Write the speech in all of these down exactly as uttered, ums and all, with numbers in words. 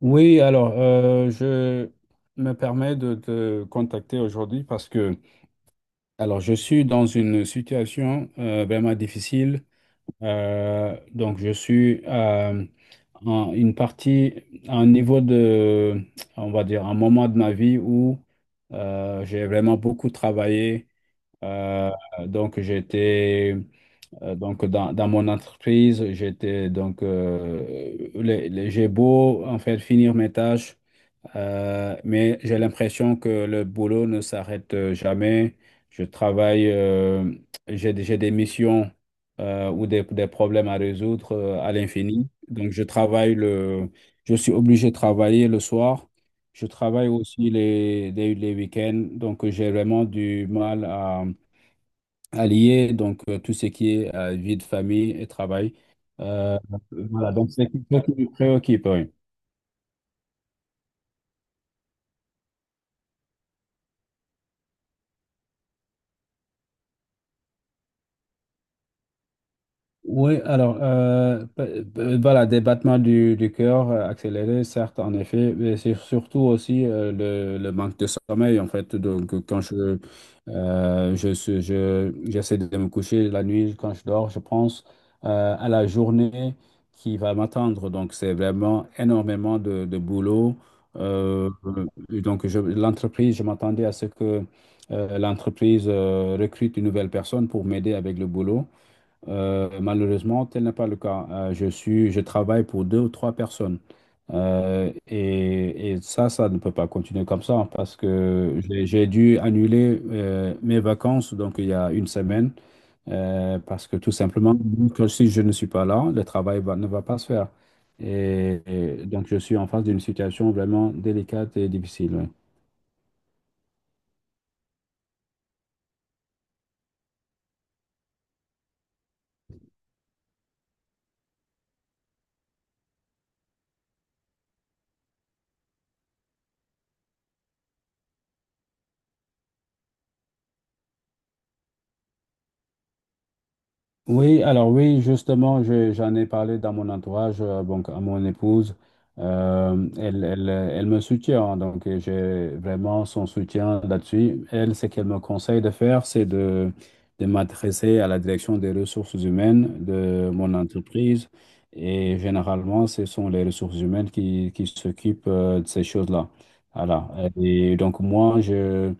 Oui, alors euh, je me permets de te contacter aujourd'hui parce que alors je suis dans une situation euh, vraiment difficile. Euh, donc je suis à en- une partie, à un niveau de, on va dire, un moment de ma vie où euh, j'ai vraiment beaucoup travaillé. Euh, donc j'étais euh, donc dans, dans mon entreprise, j'étais donc euh, les- les- j'ai beau en fait finir mes tâches. Euh, mais j'ai l'impression que le boulot ne s'arrête euh, jamais. Je travaille, euh, j'ai, des j'ai des missions euh, ou des, des problèmes à résoudre euh, à l'infini. Donc, je travaille le, je suis obligé de travailler le soir. Je travaille aussi les, les, les week-ends. Donc, euh, j'ai vraiment du mal à, à lier donc, euh, tout ce qui est euh, vie de famille et travail. Euh, voilà, donc c'est quelque chose qui me préoccupe. Oui. Oui, alors, euh, pe- pe- voilà, des battements du, du cœur euh, accélérés, certes, en effet, mais c'est surtout aussi euh, le, le manque de sommeil, en fait. Donc, euh, quand je, euh, je, suis- je, j'essaie de me coucher la nuit, quand je dors, je pense euh, à la journée qui va m'attendre. Donc, c'est vraiment énormément de, de boulot. Euh, et donc, je- l'entreprise, je m'attendais à ce que euh, l'entreprise euh, recrute une nouvelle personne pour m'aider avec le boulot. Euh, malheureusement, tel n'est pas le cas. Euh, je suis, je travaille pour deux ou trois personnes. Euh, et, et ça, ça ne peut pas continuer comme ça parce que j'ai j'ai dû annuler euh, mes vacances donc il y a une semaine euh, parce que tout simplement, que si je ne suis pas là, le travail va- ne va pas se faire. Et, et donc, je suis en face d'une situation vraiment délicate et difficile. Ouais. Oui, alors oui, justement, je- j'en ai parlé dans mon entourage, euh, donc à mon épouse. Euh, elle, elle, elle me soutient, hein, donc euh, j'ai vraiment son soutien là-dessus. Elle, ce qu'elle me conseille de faire, c'est de, de m'adresser à la direction des ressources humaines de mon entreprise. Et généralement, ce sont les ressources humaines qui, qui s'occupent euh, de ces choses-là. Voilà. Et donc moi, je...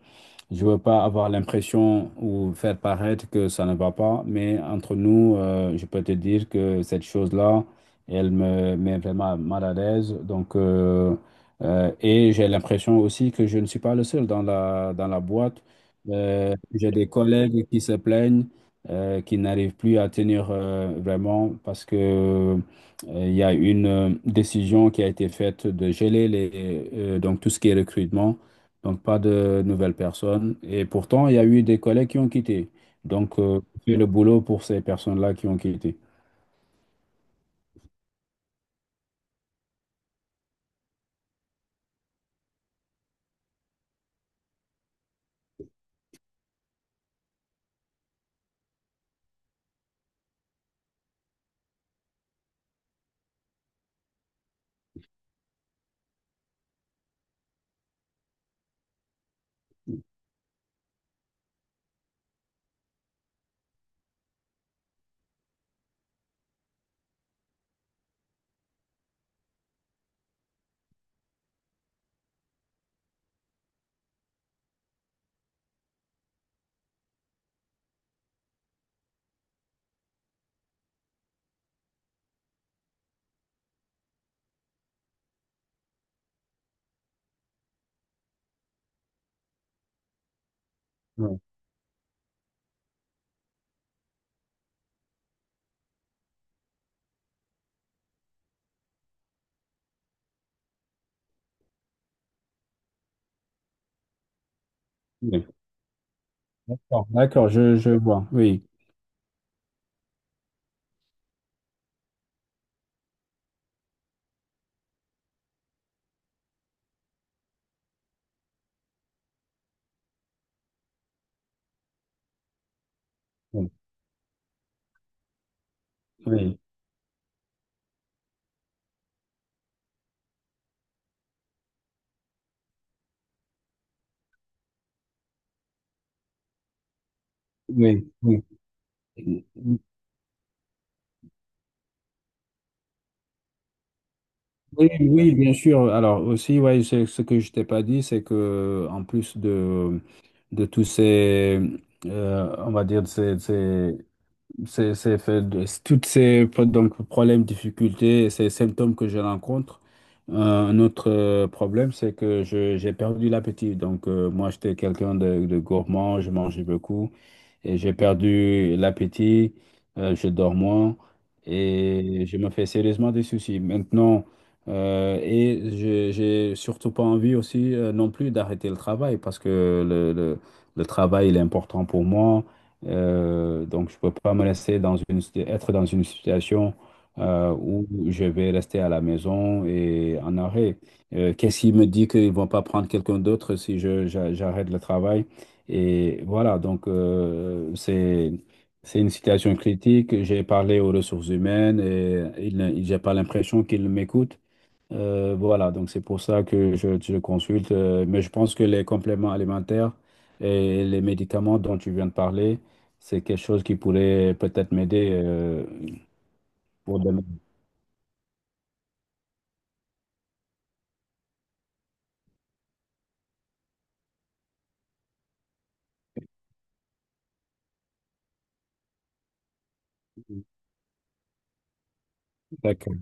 Je veux pas avoir l'impression ou faire paraître que ça ne va pas, mais entre nous, euh, je peux te dire que cette chose-là, elle me met vraiment mal à l'aise. Donc, euh, euh, et j'ai l'impression aussi que je ne suis pas le seul dans la, dans la boîte. Euh, j'ai des collègues qui se plaignent, euh, qui n'arrivent plus à tenir euh, vraiment parce que euh, il y a une euh, décision qui a été faite de geler les, euh, donc tout ce qui est recrutement. Donc, pas de nouvelles personnes. Et pourtant, il y a eu des collègues qui ont quitté. Donc, euh, fais le boulot pour ces personnes-là qui ont quitté. Oui. Oui. D'accord, d'accord, je, je vois. Oui. Oui. Oui. Oui. Oui, oui, oui, bien sûr. Alors aussi, ouais, c'est- ce que je t'ai pas dit, c'est que en plus de, de tous ces, euh, on va dire, ces, ces C'est, c'est fait de- c'est- toutes ces pro- donc, problèmes, difficultés, ces symptômes que je rencontre. Euh, Un autre euh, problème, c'est que je, j'ai perdu l'appétit. Donc, euh, moi, j'étais quelqu'un de, de gourmand, je mangeais beaucoup et j'ai perdu l'appétit, euh, je dors moins et je me fais sérieusement des soucis. Maintenant, euh, et je- j'ai surtout pas envie aussi euh, non plus d'arrêter le travail parce que le, le- le travail il est important pour moi. Euh, donc, je peux pas me laisser dans une, être dans une situation euh, où je vais rester à la maison et en arrêt. Euh, qu'est-ce qui me dit qu'ils vont pas prendre quelqu'un d'autre si je, j'a- j'arrête le travail? Et voilà, donc euh, c'est c'est une situation critique. J'ai parlé aux ressources humaines et ils ne- ils- j'ai pas l'impression qu'ils m'écoutent. Euh, voilà, donc c'est pour ça que je, je consulte. Euh, mais je pense que les compléments alimentaires et les médicaments dont tu viens de parler, c'est quelque chose qui pourrait peut-être m'aider euh, pour demain. D'accord,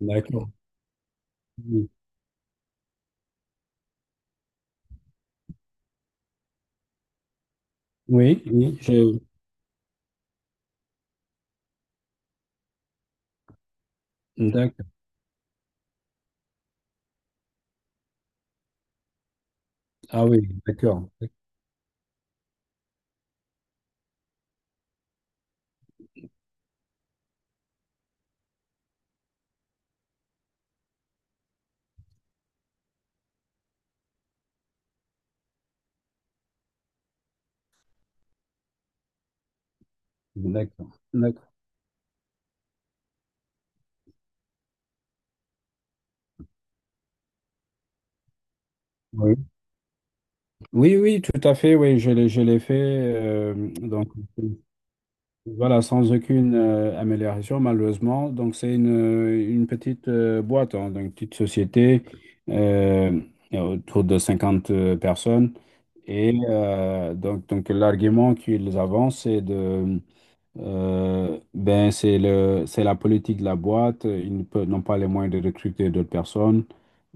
d'accord. Oui, oui, je... D'accord. Ah oui, d'accord, d'accord, d'accord. Oui. Oui, oui, tout à fait, oui, je l'ai, je l'ai fait. euh, donc, voilà, sans aucune euh, amélioration, malheureusement. Donc, c'est une, une petite euh, boîte, hein, donc une petite société euh, autour de cinquante euh, personnes. Et euh, donc, donc l'argument qu'ils avancent, c'est de, euh, ben c'est le, c'est la politique de la boîte. Ils ne peuvent- N'ont pas les moyens de recruter d'autres personnes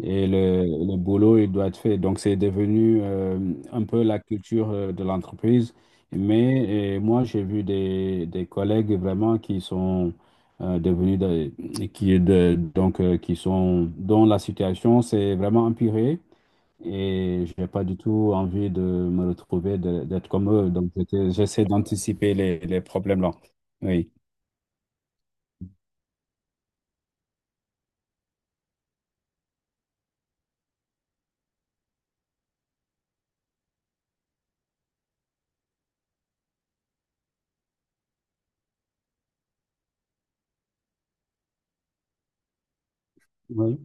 et le, le boulot, il doit être fait. Donc, c'est devenu euh, un peu la culture euh, de l'entreprise. Mais euh, moi, j'ai vu des, des collègues vraiment qui sont euh, devenus, de- qui, de, donc, euh, qui sont, dont la situation s'est vraiment empirée et j'ai pas du tout envie de me retrouver, de- d'être comme eux. Donc, j'étais- j'essaie d'anticiper les, les problèmes là. Oui. Oui.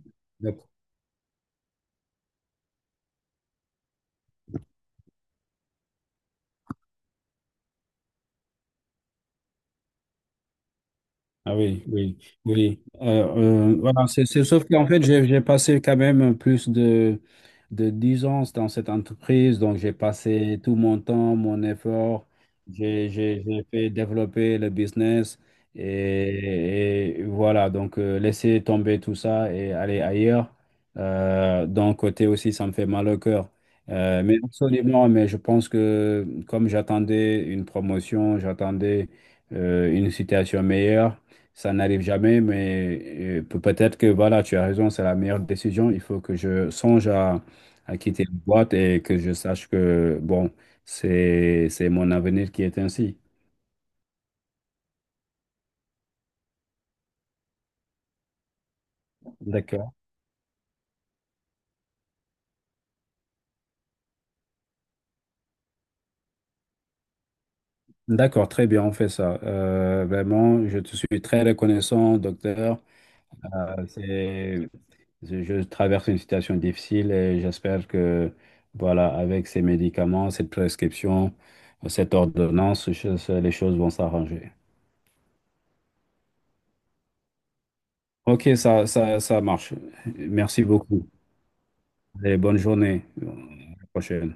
Ah oui, oui, oui. Euh, euh, voilà, c'est, c'est- sauf qu'en fait, j'ai j'ai passé quand même plus de, de dix ans dans cette entreprise. Donc, j'ai passé tout mon temps, mon effort. J'ai j'ai- j'ai fait développer le business. Et, et voilà, donc, euh, laisser tomber tout ça et aller ailleurs. Euh, d'un côté aussi, ça me fait mal au cœur. Euh, mais absolument, mais je pense que comme j'attendais une promotion, j'attendais euh, une situation meilleure. Ça n'arrive jamais, mais euh, peut- peut-être que voilà, tu as raison, c'est la meilleure décision. Il faut que je songe à, à quitter la boîte et que je sache que, bon, c'est, c'est mon avenir qui est ainsi. D'accord. D'accord, très bien, on fait ça. Euh, vraiment, je te suis très reconnaissant, docteur. Euh, c'est, je je traverse une situation difficile et j'espère que, voilà, avec ces médicaments, cette prescription, cette ordonnance, je- les choses vont s'arranger. Ok, ça, ça, ça marche. Merci beaucoup. Et bonne journée. À la prochaine.